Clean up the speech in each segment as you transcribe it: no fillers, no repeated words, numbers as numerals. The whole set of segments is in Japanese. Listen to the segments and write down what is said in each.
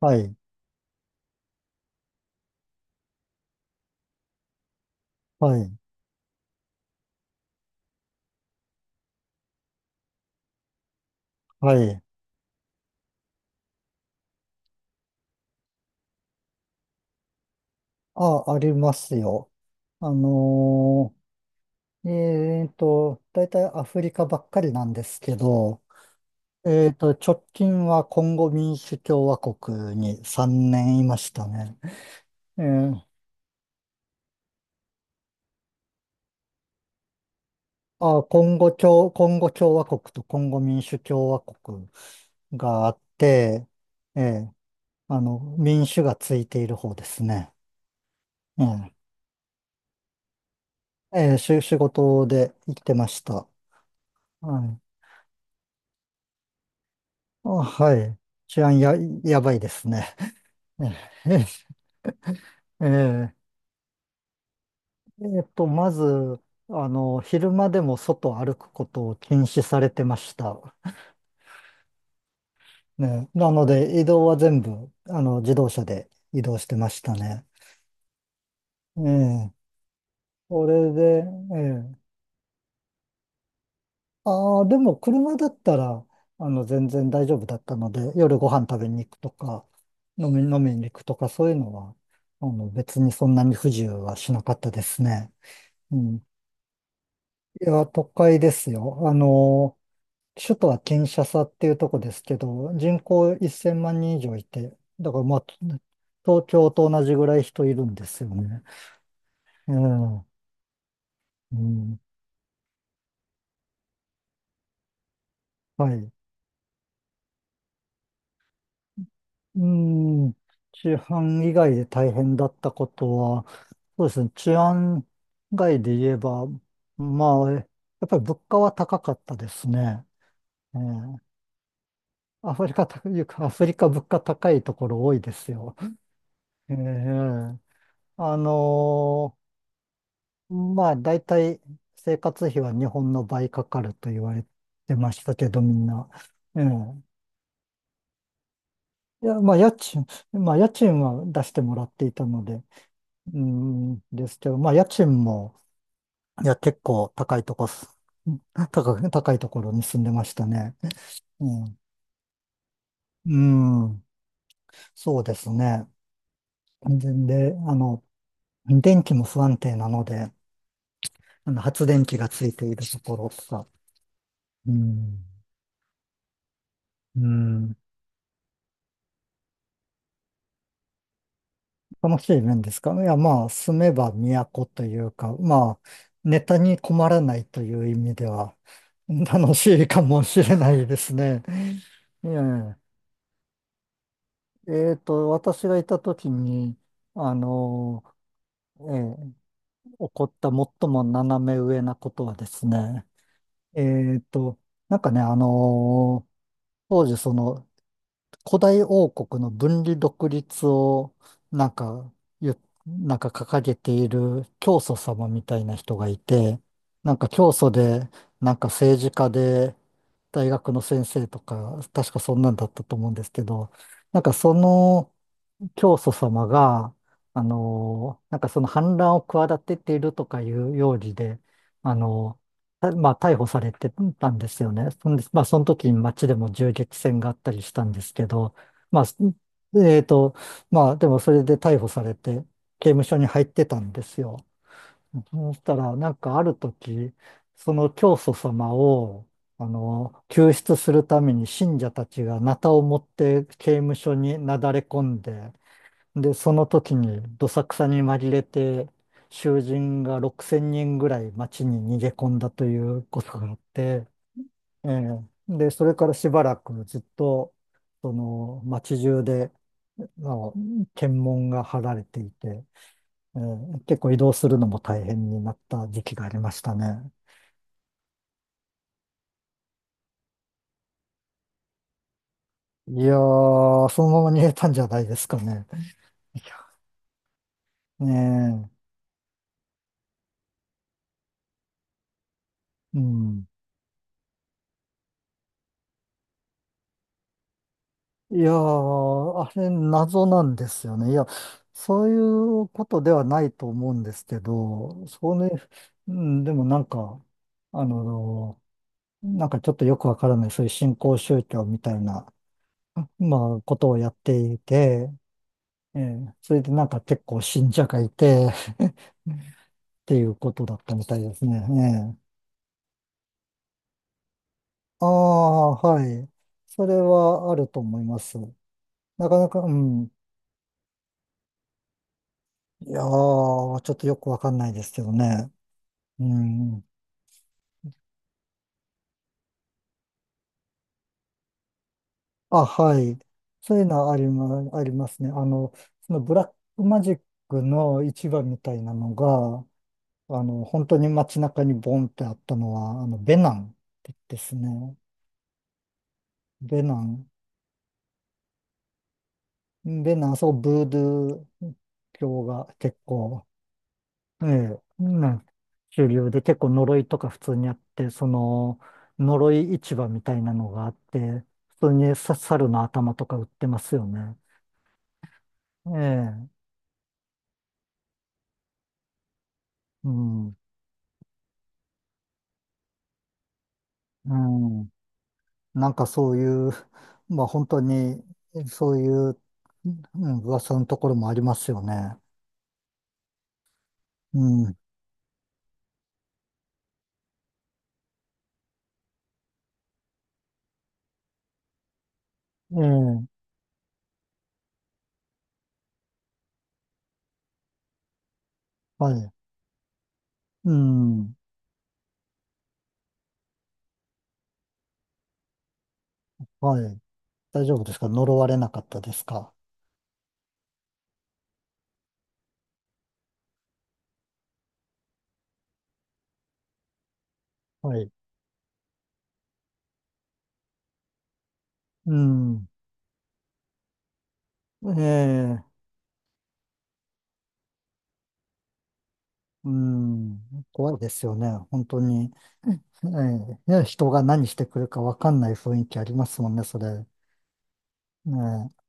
はい、はい、はい。あ、ありますよ。あの大体アフリカばっかりなんですけど、直近はコンゴ民主共和国に3年いましたね。えー、あ、コンゴ共和国とコンゴ民主共和国があって、えー、民主がついている方ですね。え仕事で生きてました。はい。あ、はい。治安、やばいですね。ええ、まず、昼間でも外を歩くことを禁止されてました。ね、なので、移動は全部、自動車で移動してましたね。ええ、これで、ええ、ああ、でも車だったら、全然大丈夫だったので、夜ご飯食べに行くとか、飲みに行くとか、そういうのは、別にそんなに不自由はしなかったですね。うん。いや、都会ですよ。首都はキンシャサっていうとこですけど、人口1000万人以上いて、だからまあ、東京と同じぐらい人いるんですよね。うん、うん、はい。うん、治安以外で大変だったことは、そうですね、治安外で言えば、まあ、やっぱり物価は高かったですね。ええ。アフリカ、いうかアフリカ物価高いところ多いですよ。ええ。あのまあ、大体生活費は日本の倍かかると言われてましたけど、みんな。ええ。いや、まあ、まあ、家賃は出してもらっていたので、うん、ですけど、まあ、家賃も、いや、結構高いとこす、高く、高いところに住んでましたね。うん、うん、そうですね。で、電気も不安定なので、発電機がついているところとか、うん、うん。楽しい面ですか？いや、まあ、住めば都というか、まあ、ネタに困らないという意味では、楽しいかもしれないですね。ええ、私がいた時に、あの、えー起こった最も斜め上なことはですね、えーと、なんかね、当時その、古代王国の分離独立を、なんか言、ゆなんか掲げている教祖様みたいな人がいて、なんか教祖で、なんか政治家で、大学の先生とか、確かそんなんだったと思うんですけど、なんかその教祖様が、なんかその反乱を企てているとかいう容疑で、あの、たまあ逮捕されてたんですよね。そんで、まあその時に街でも銃撃戦があったりしたんですけど、まあ、すえっと、まあでもそれで逮捕されて刑務所に入ってたんですよ。そしたら、なんかある時、その教祖様を、救出するために信者たちがナタを持って刑務所になだれ込んで、で、その時にどさくさに紛れて、囚人が6000人ぐらい街に逃げ込んだということがあって、ええ。で、それからしばらくずっと、その街中で、あの検問が張られていて、ええ、結構移動するのも大変になった時期がありましたね。いやー、そのまま逃げたんじゃないですかね。ねえ、うん。いやー、あれ謎なんですよね。いや、そういうことではないと思うんですけど、そうね、うん、でもなんか、あの、なんかちょっとよくわからない、そういう新興宗教みたいな、まあ、ことをやっていて、ええ。それでなんか結構信者がいて、っていうことだったみたいですね。ええ。ああ、はい。それはあると思います。なかなか、うん。いやー、ちょっとよくわかんないですけどね。うん。あ、はい。そういうのはありますね。そのブラックマジックの市場みたいなのが、本当に街中にボンってあったのは、ベナンってですね。ベナン。ベナン、そう、ブードゥー教が結構、ええ、うん、主流で結構呪いとか普通にあって、その、呪い市場みたいなのがあって、普通にさ猿の頭とか売ってますよね。ええ。うん。うん、なんかそういう、まあ本当にそういう、うん、噂のところもありますよね。うん。ええ、はい。うん。はい。大丈夫ですか？呪われなかったですか？はい。うん。ええ、うん。怖いですよね。本当に。ええ、いや人が何してくるかわかんない雰囲気ありますもんね、それ。ええ、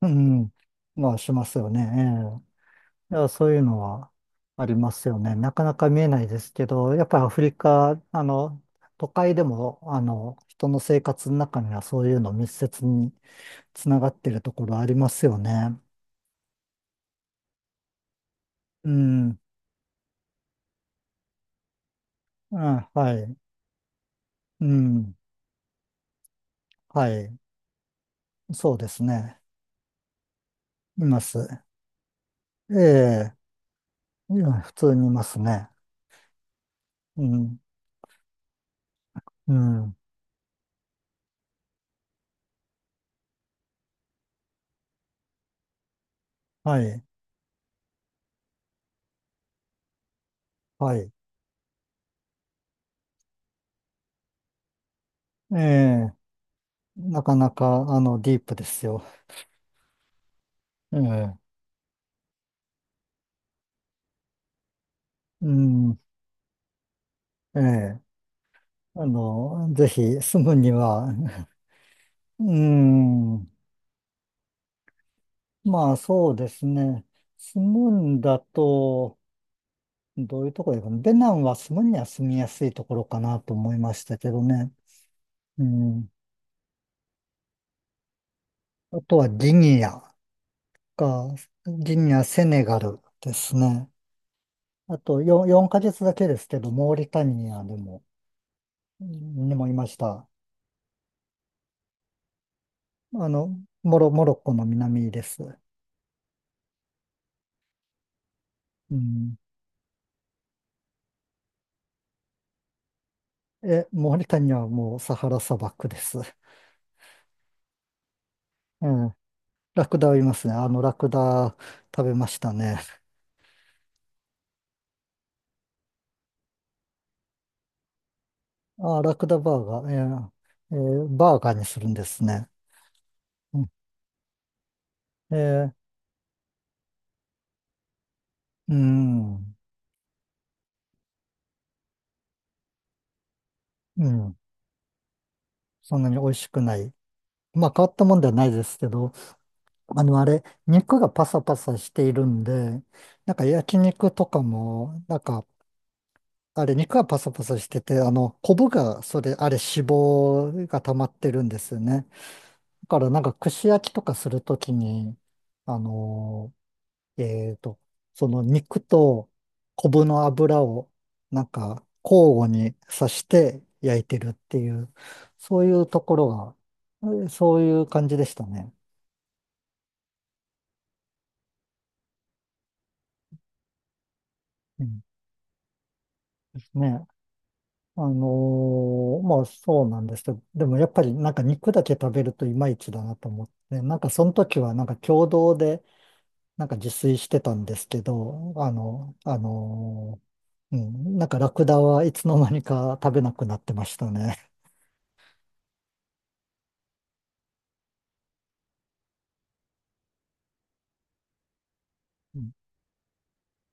うん。まあ、しますよね。いや、そういうのはありますよね。なかなか見えないですけど、やっぱりアフリカ、都会でも、人の生活の中にはそういうの密接につながってるところありますよね。うん、うん、はい、うん、はい、そうですね。います。ええ、いや普通にいますね。うん、うん、はい、はい。ええ、なかなか、ディープですよ。ええ、うん、ええ。ぜひ住むには、うーん、まあそうですね。住むんだと、どういうところかな。ベナンは住むには住みやすいところかなと思いましたけどね。うん。あとはかギニア、セネガルですね。あと4ヶ月だけですけど、モーリタニアにもいました。あの、モロッコの南です。うん。え、モーリタニアはもうサハラ砂漠です。うん。ラクダはいますね。ラクダ食べましたね。あー、ラクダバーガー。バーガーにするんですね。うん。えー、うん、うん。そんなに美味しくない。まあ、変わったもんではないですけど、あれ、肉がパサパサしているんで、なんか焼肉とかも、なんか、あれ、肉がパサパサしてて、コブが、それ、あれ、脂肪が溜まってるんですよね。だから、なんか、串焼きとかするときに、あのえーと、その肉と昆布の油をなんか交互に刺して焼いてるっていう、そういうところが、そういう感じでしたね。うん、ですね。まあそうなんですけど、でもやっぱりなんか肉だけ食べるといまいちだなと思って、なんかその時はなんか共同でなんか自炊してたんですけど、うん、なんかラクダはいつの間にか食べなくなってましたね。